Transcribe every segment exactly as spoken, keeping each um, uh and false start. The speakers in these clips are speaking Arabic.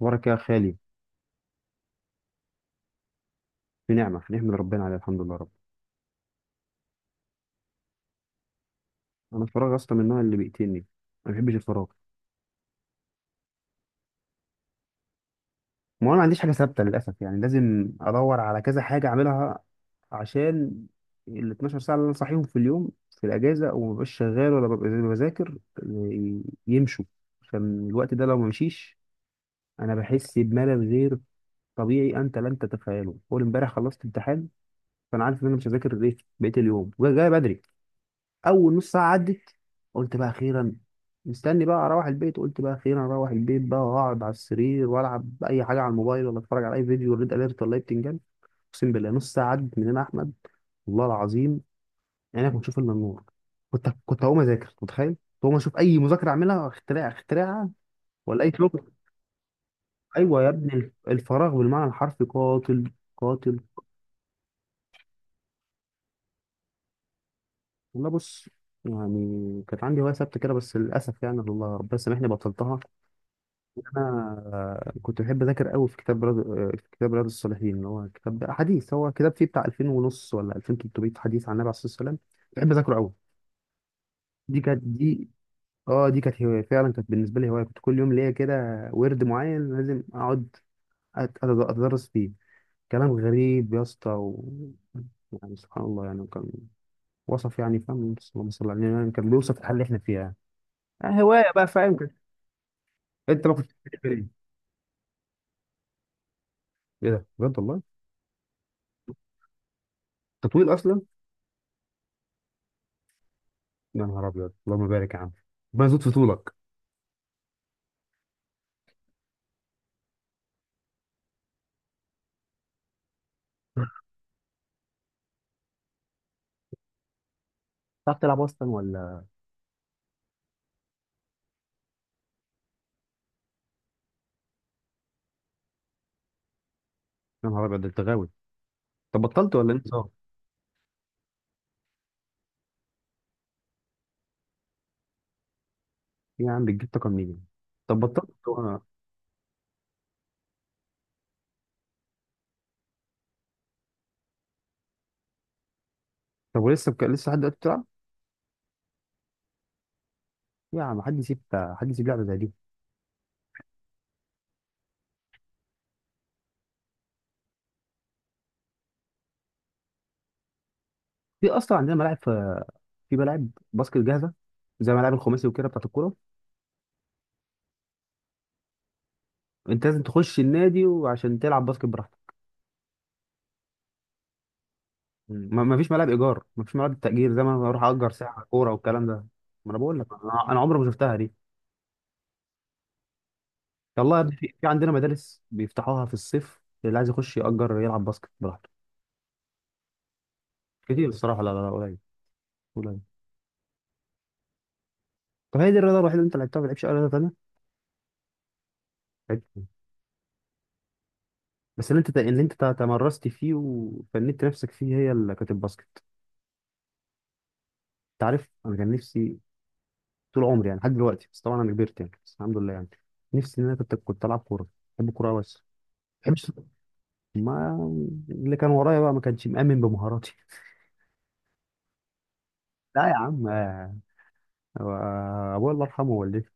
اخبارك يا خالي. في نعمه في نعمه من ربنا، عليها الحمد لله رب. انا الفراغ اصلا من النوع اللي بيقتلني، ما بحبش الفراغ. ما انا ما عنديش حاجه ثابته للاسف، يعني لازم ادور على كذا حاجه اعملها عشان ال اتناشر ساعة ساعه اللي انا صاحيهم في اليوم في الاجازه وما ببقاش شغال ولا ببقى بذاكر ي- يمشوا. عشان الوقت ده لو ما مشيش انا بحس بملل غير طبيعي انت لن تتخيله. اول امبارح خلصت امتحان، فانا عارف ان انا مش هذاكر ايه بقيه اليوم وجاي بدري. اول نص ساعه عدت، قلت بقى اخيرا، مستني بقى اروح البيت. قلت بقى اخيرا اروح البيت بقى واقعد على السرير والعب اي حاجه على الموبايل، ولا اتفرج على اي فيديو ريد اليرت ولا اي بتنجان. اقسم بالله نص ساعه عدت من هنا يا احمد، والله العظيم. يعني انا كنت اشوف الا النور. كنت كنت هقوم اذاكر، متخيل كنت هقوم اشوف اي مذاكره اعملها، اختراع اختراع، ولا اي شغل. ايوه يا ابني، الفراغ بالمعنى الحرفي قاتل، قاتل. والله بص، يعني كانت عندي هوايه ثابته كده بس للاسف يعني الله ربنا يسامحني بطلتها. انا كنت بحب اذاكر قوي في كتاب رياض، آه، في كتاب رياض الصالحين اللي هو كتاب حديث، هو كتاب فيه بتاع ألفين ونص ولا ألفين وثلاثمئة حديث عن النبي عليه الصلاه والسلام. بحب اذاكره قوي. دي كانت دي اه دي كانت هوايه فعلا، كانت بالنسبه لي هوايه، كنت كل يوم ليا كده ورد معين لازم اقعد أت- اتدرس فيه. كلام غريب يا اسطى و... يعني سبحان الله، يعني كان وصف، يعني فاهم، اللهم صل على النبي، يعني كان بيوصف الحاله اللي احنا فيها. يعني هوايه بقى، فاهم كده. انت ما كنتش بتحب ايه؟ إيه ده؟ بجد والله. تطويل اصلا. يا نهار ابيض، اللهم بارك يا عم، ربنا يزود في طولك. بتعرف تلعب اصلا ولا؟ يا نهار ابيض، ده انت غاوي. طب بطلت ولا انت صار؟ إيه يا عم، بتجيب طاقه منين؟ طب بطلت وانا؟ طب ولسه بك... لسه لحد دلوقتي بتلعب؟ يا عم، حد يسيب حد يسيب لعبه زي دي؟ في اصلا عندنا ملاعب، في في ملاعب باسكت جاهزه؟ زي ملاعب الخماسي وكده بتاعت الكوره. انت لازم تخش النادي وعشان تلعب باسكت براحتك. ما ما فيش ملاعب ايجار، ما فيش ملاعب تاجير زي ما انا اروح اجر ساعه كوره والكلام ده. ما انا بقول لك انا أنا عمري ما شفتها دي. والله يا ابني، في في عندنا مدارس بيفتحوها في الصيف، اللي عايز يخش يأجر يلعب باسكت براحته. كتير الصراحة؟ لا لا لا، قليل، قليل. طب هي دي الرياضة الوحيدة اللي انت لعبتها؟ ما لعبتش أي رياضة تانية؟ لعبت إيه؟ بس اللي انت اللي انت تمرست فيه وفنيت نفسك فيه هي اللي كانت الباسكت. انت عارف، انا كان نفسي طول عمري يعني لحد دلوقتي، بس طبعا انا كبرت يعني، بس الحمد لله يعني. نفسي ان انا كنت كنت العب كورة، بحب الكورة أوي، بس ما بحبش. ما اللي كان ورايا بقى ما كانش مأمن بمهاراتي. لا يا عم، آه، هو ابويا الله يرحمه والدتي،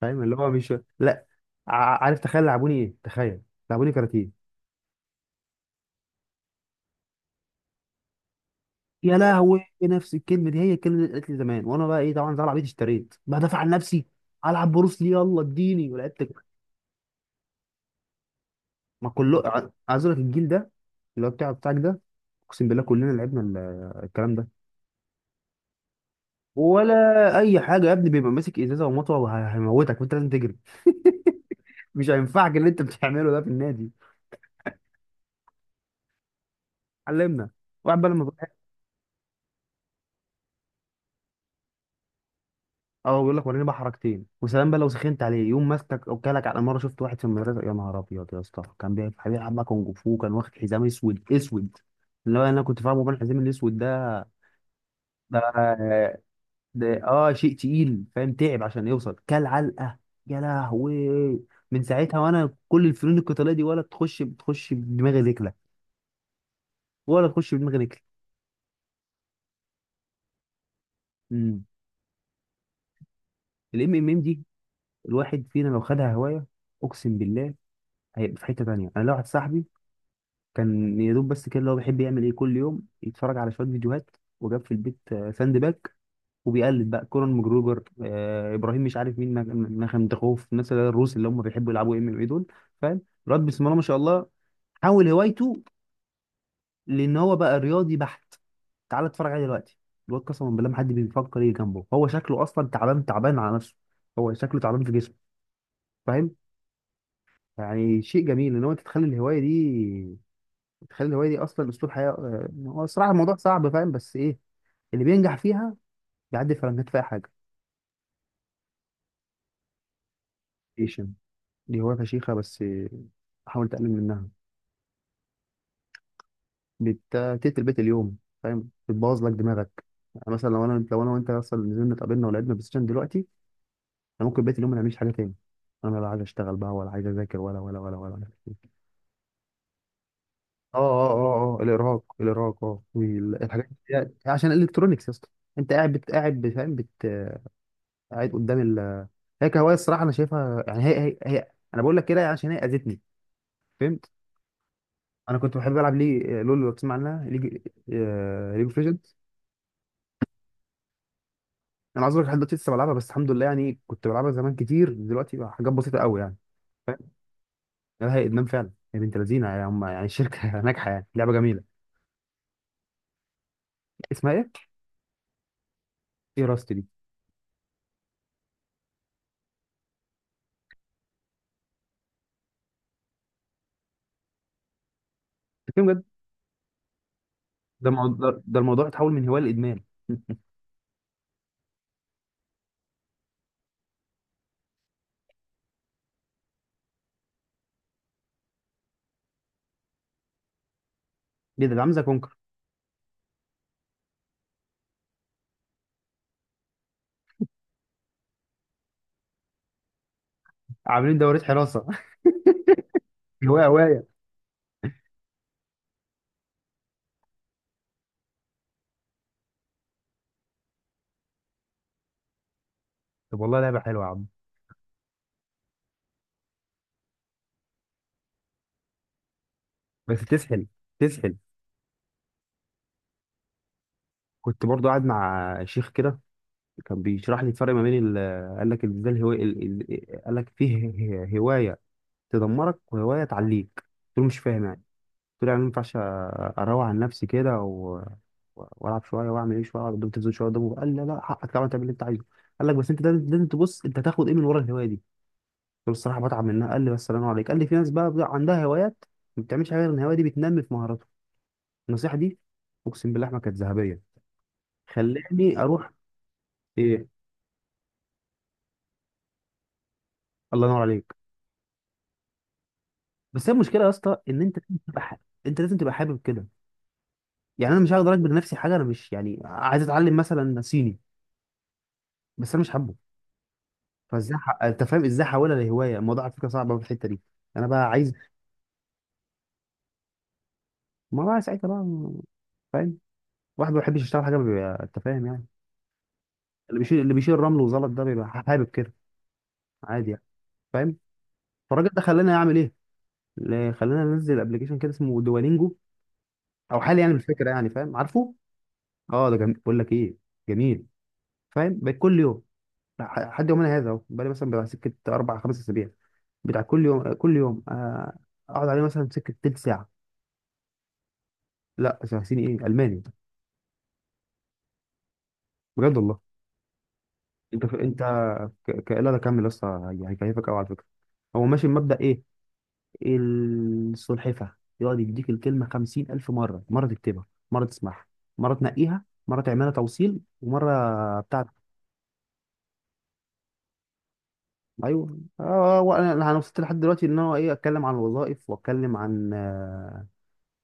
فاهم اللي هو مش، لا. ع- عارف، تخيل لعبوني ايه، تخيل، لعبوني كاراتيه. يا لهوي، نفس الكلمه دي هي الكلمه اللي قالت لي زمان، وانا بقى ايه، طبعا زي العبيط اشتريت بدافع عن نفسي، العب بروس لي، يلا اديني، ولعبت. ما كله ع- عايز اقول لك الجيل ده اللي هو بتاع بتاعك ده، اقسم بالله كلنا لعبنا ال- الكلام ده. ولا اي حاجه يا ابني، بيبقى ماسك ازازه ومطوه وهيموتك وانت لازم تجري، مش هينفعك اللي انت بتعمله ده في النادي. علمنا، واحد بقى لما، اه، بيقول لك وريني بقى حركتين وسلام بقى لو سخنت عليه يوم ماسكك، او كلك على مره. شفت واحد في المدرسه، يا نهار ابيض يا اسطى، كان بيلعب بيلعب بقى كونج فو، كان واخد حزام اسود اسود. اللي هو انا كنت فاهمه بقى الحزام الاسود ده ده ده اه شيء تقيل، فاهم تعب عشان يوصل كل علقه. يا لهوي، من ساعتها وانا كل الفنون القتاليه دي ولا تخش، بتخش بدماغي رجله، ولا تخش بدماغي رجله. امم الام ام ام دي، الواحد فينا لو خدها هوايه، اقسم بالله هيبقى في حته تانيه. انا لو واحد صاحبي كان يا دوب بس كده، اللي هو بيحب يعمل ايه، كل يوم يتفرج على شويه فيديوهات وجاب في البيت، آه، ساند باك، وبيقلد بقى كورن ماجروجر، آه ابراهيم مش عارف مين، مخندخوف، الناس اللي هي الروس اللي هم بيحبوا يلعبوا ام ام اي دول، فاهم. الواد بسم الله ما شاء الله، حول هوايته، لان هو بقى رياضي بحت، تعالى اتفرج عليه دلوقتي. الواد قسما بالله ما حد بيفكر يجي جنبه، هو شكله اصلا تعبان تعبان على نفسه، هو شكله تعبان في جسمه، فاهم. يعني شيء جميل ان هو تتخلي الهوايه دي، تخلي الهوايه دي اصلا اسلوب حياه، آه، هو الصراحه الموضوع صعب فاهم، بس ايه اللي بينجح فيها بيعدي فرنجات في اي حاجه. ايشن، دي هوايه فشيخه، بس آه، حاول تقلل منها. بت- بتقتل البيت اليوم، فاهم، بتبوظ لك دماغك. يعني مثلا لو انا، لو انا وانت اصلا نزلنا اتقابلنا ولعبنا بلاي ستيشن دلوقتي، انا ممكن بيت اليوم ما نعملش حاجه تاني، انا لا عايز اشتغل بقى ولا عايز اذاكر، ولا ولا ولا ولا ولا. اه اه اه اه، الارهاق، الارهاق، اه، والحاجات دي عشان الالكترونيكس يا اسطى. انت قاعد بت... قاعد بت- فاهم بت... قاعد قدام. هي كهوايه الصراحه انا شايفها، يعني هي هي, هي انا بقول لك كده عشان هي اذتني، فهمت. انا كنت بحب العب ليه، آه، لول، لو تسمع عنها ليج، ليج اوف ليجندز. انا عذرك لحد دلوقتي لسه بلعبها، بس الحمد لله يعني، كنت بلعبها زمان كتير، دلوقتي بقى حاجات بسيطه قوي يعني، فاهم. لا، هي ادمان فعلا يا بنت لذينه يعني، هم يعني الشركه ناجحه، يعني لعبه جميله. اسمها ايه؟ ايه راست دي؟ بتتكلم بجد؟ ده الموضوع ده ده الموضوع اتحول من هوايه لادمان ايه ده، ده عامل زي كونكر. عاملين دورات حراسه. هوايه، هوايه. طب والله لعبه حلوه يا عم. بس تسحل، تسحل. كنت برضو قاعد مع شيخ كده، كان بيشرح لي الفرق ما بين ال- قال لك ازاي الهوايه ال- ال- قال لك فيه هي- هوايه تدمرك وهوايه تعليك، قلت له مش فاهم يعني. قلت له يعني ما ينفعش أ- اروق عن نفسي كده و- و- والعب شويه واعمل ايه شويه واقعد قدام التلفزيون شويه قدامه، قال لا لا، حقك طبعا تعمل اللي انت عايزه. قال لك بس انت لازم لازم تبص انت هتاخد ايه من ورا الهوايه دي. قلت له الصراحه بتعب منها، قال لي بس الله عليك، قال لي في ناس بقى بتبقى عندها هوايات ما بتعملش حاجه غير ان الهوايه دي بتنمي في مهاراتها. النصيحه دي اقسم بالله ما كانت ذهبيه، خلاني اروح. ايه، الله ينور عليك. بس هي المشكله يا اسطى، ان انت لازم تبقى حابب، انت لازم تبقى حابب كده. يعني انا مش هقدر اجبر نفسي حاجه، انا مش يعني عايز اتعلم مثلا صيني بس انا مش حابه. فازاي ح- انت فاهم ازاي احولها لهوايه، الموضوع على فكره صعب أوي في الحته دي. انا بقى عايز، ما بقى ساعتها بقى فاهم، واحد ما بيحبش يشتغل حاجه بيبقى انت فاهم يعني. اللي بيشيل اللي بيشيل رمل وزلط ده بيبقى حابب كده، عادي يعني، فاهم. فالراجل ده خلاني اعمل ايه، اللي خلاني انزل ابلكيشن كده اسمه دوالينجو، او حالي يعني بالفكره، يعني فاهم عارفه. اه ده جميل، بقول لك ايه، جميل. فاهم، بقيت كل يوم ح- لحد يومنا هذا اهو، بقالي مثلا بتاع سكه اربع خمس اسابيع، بتاع كل يوم كل يوم، آه، اقعد عليه مثلا سكه تلت ساعه. لا ساعتين، ايه، الماني، بجد والله. انت ف... انت ك... ك... لا ده كمل لسه، هي- هيكيفك قوي على فكره، هو ماشي بمبدا ايه، السلحفه. يقعد يديك الكلمه خمسين الف مره، مره تكتبها، مره تسمعها، مره تنقيها، مره تعملها توصيل، ومره بتاعت، ايوه. آه، آه، آه، انا أنا وصلت لحد دلوقتي ان انا ايه، اتكلم عن الوظائف واتكلم عن، آه،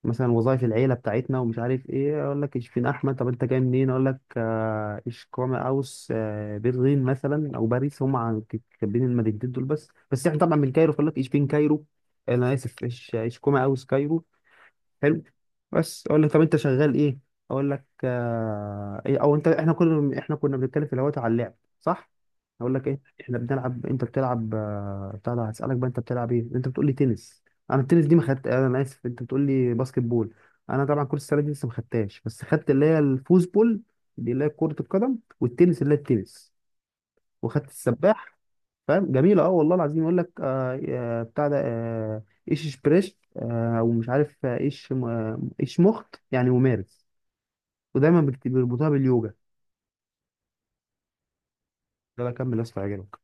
مثلا وظائف العيله بتاعتنا، ومش عارف ايه، اقول لك اشفين احمد. طب انت جاي منين؟ اقول لك آه، اشكوما اوس، آه، برلين مثلا او باريس، هم عن- كاتبين المدينتين دول بس، بس احنا طبعا من كايرو، فيقول لك اشبين كايرو. انا اسف، اش اشكوما اوس كايرو. حلو. بس اقول لك طب انت شغال ايه؟ اقول لك آه إيه او انت، احنا كنا احنا كنا بنتكلم في الاول على اللعب، صح. اقول لك ايه احنا بنلعب، انت بتلعب آه، بتاع ده، هسالك بقى انت بتلعب ايه، انت بتقول لي تنس. انا التنس دي ما خدت، انا اسف، انت بتقول لي باسكت بول، انا طبعا كره السله دي لسه ما خدتهاش، بس خدت اللي هي الفوز بول، دي اللي هي كره القدم، والتنس اللي هي التنس، وخدت السباح. فاهم جميلة، اه والله العظيم، يقول لك آه آه، بتاع ده، آه ايش إشبريش، آه ومش عارف، آه، ايش م- آه، ايش مخت، يعني ممارس، ودايما بيكت- بيربطوها باليوجا. ده بكمل يا اسطى، هيعجبك.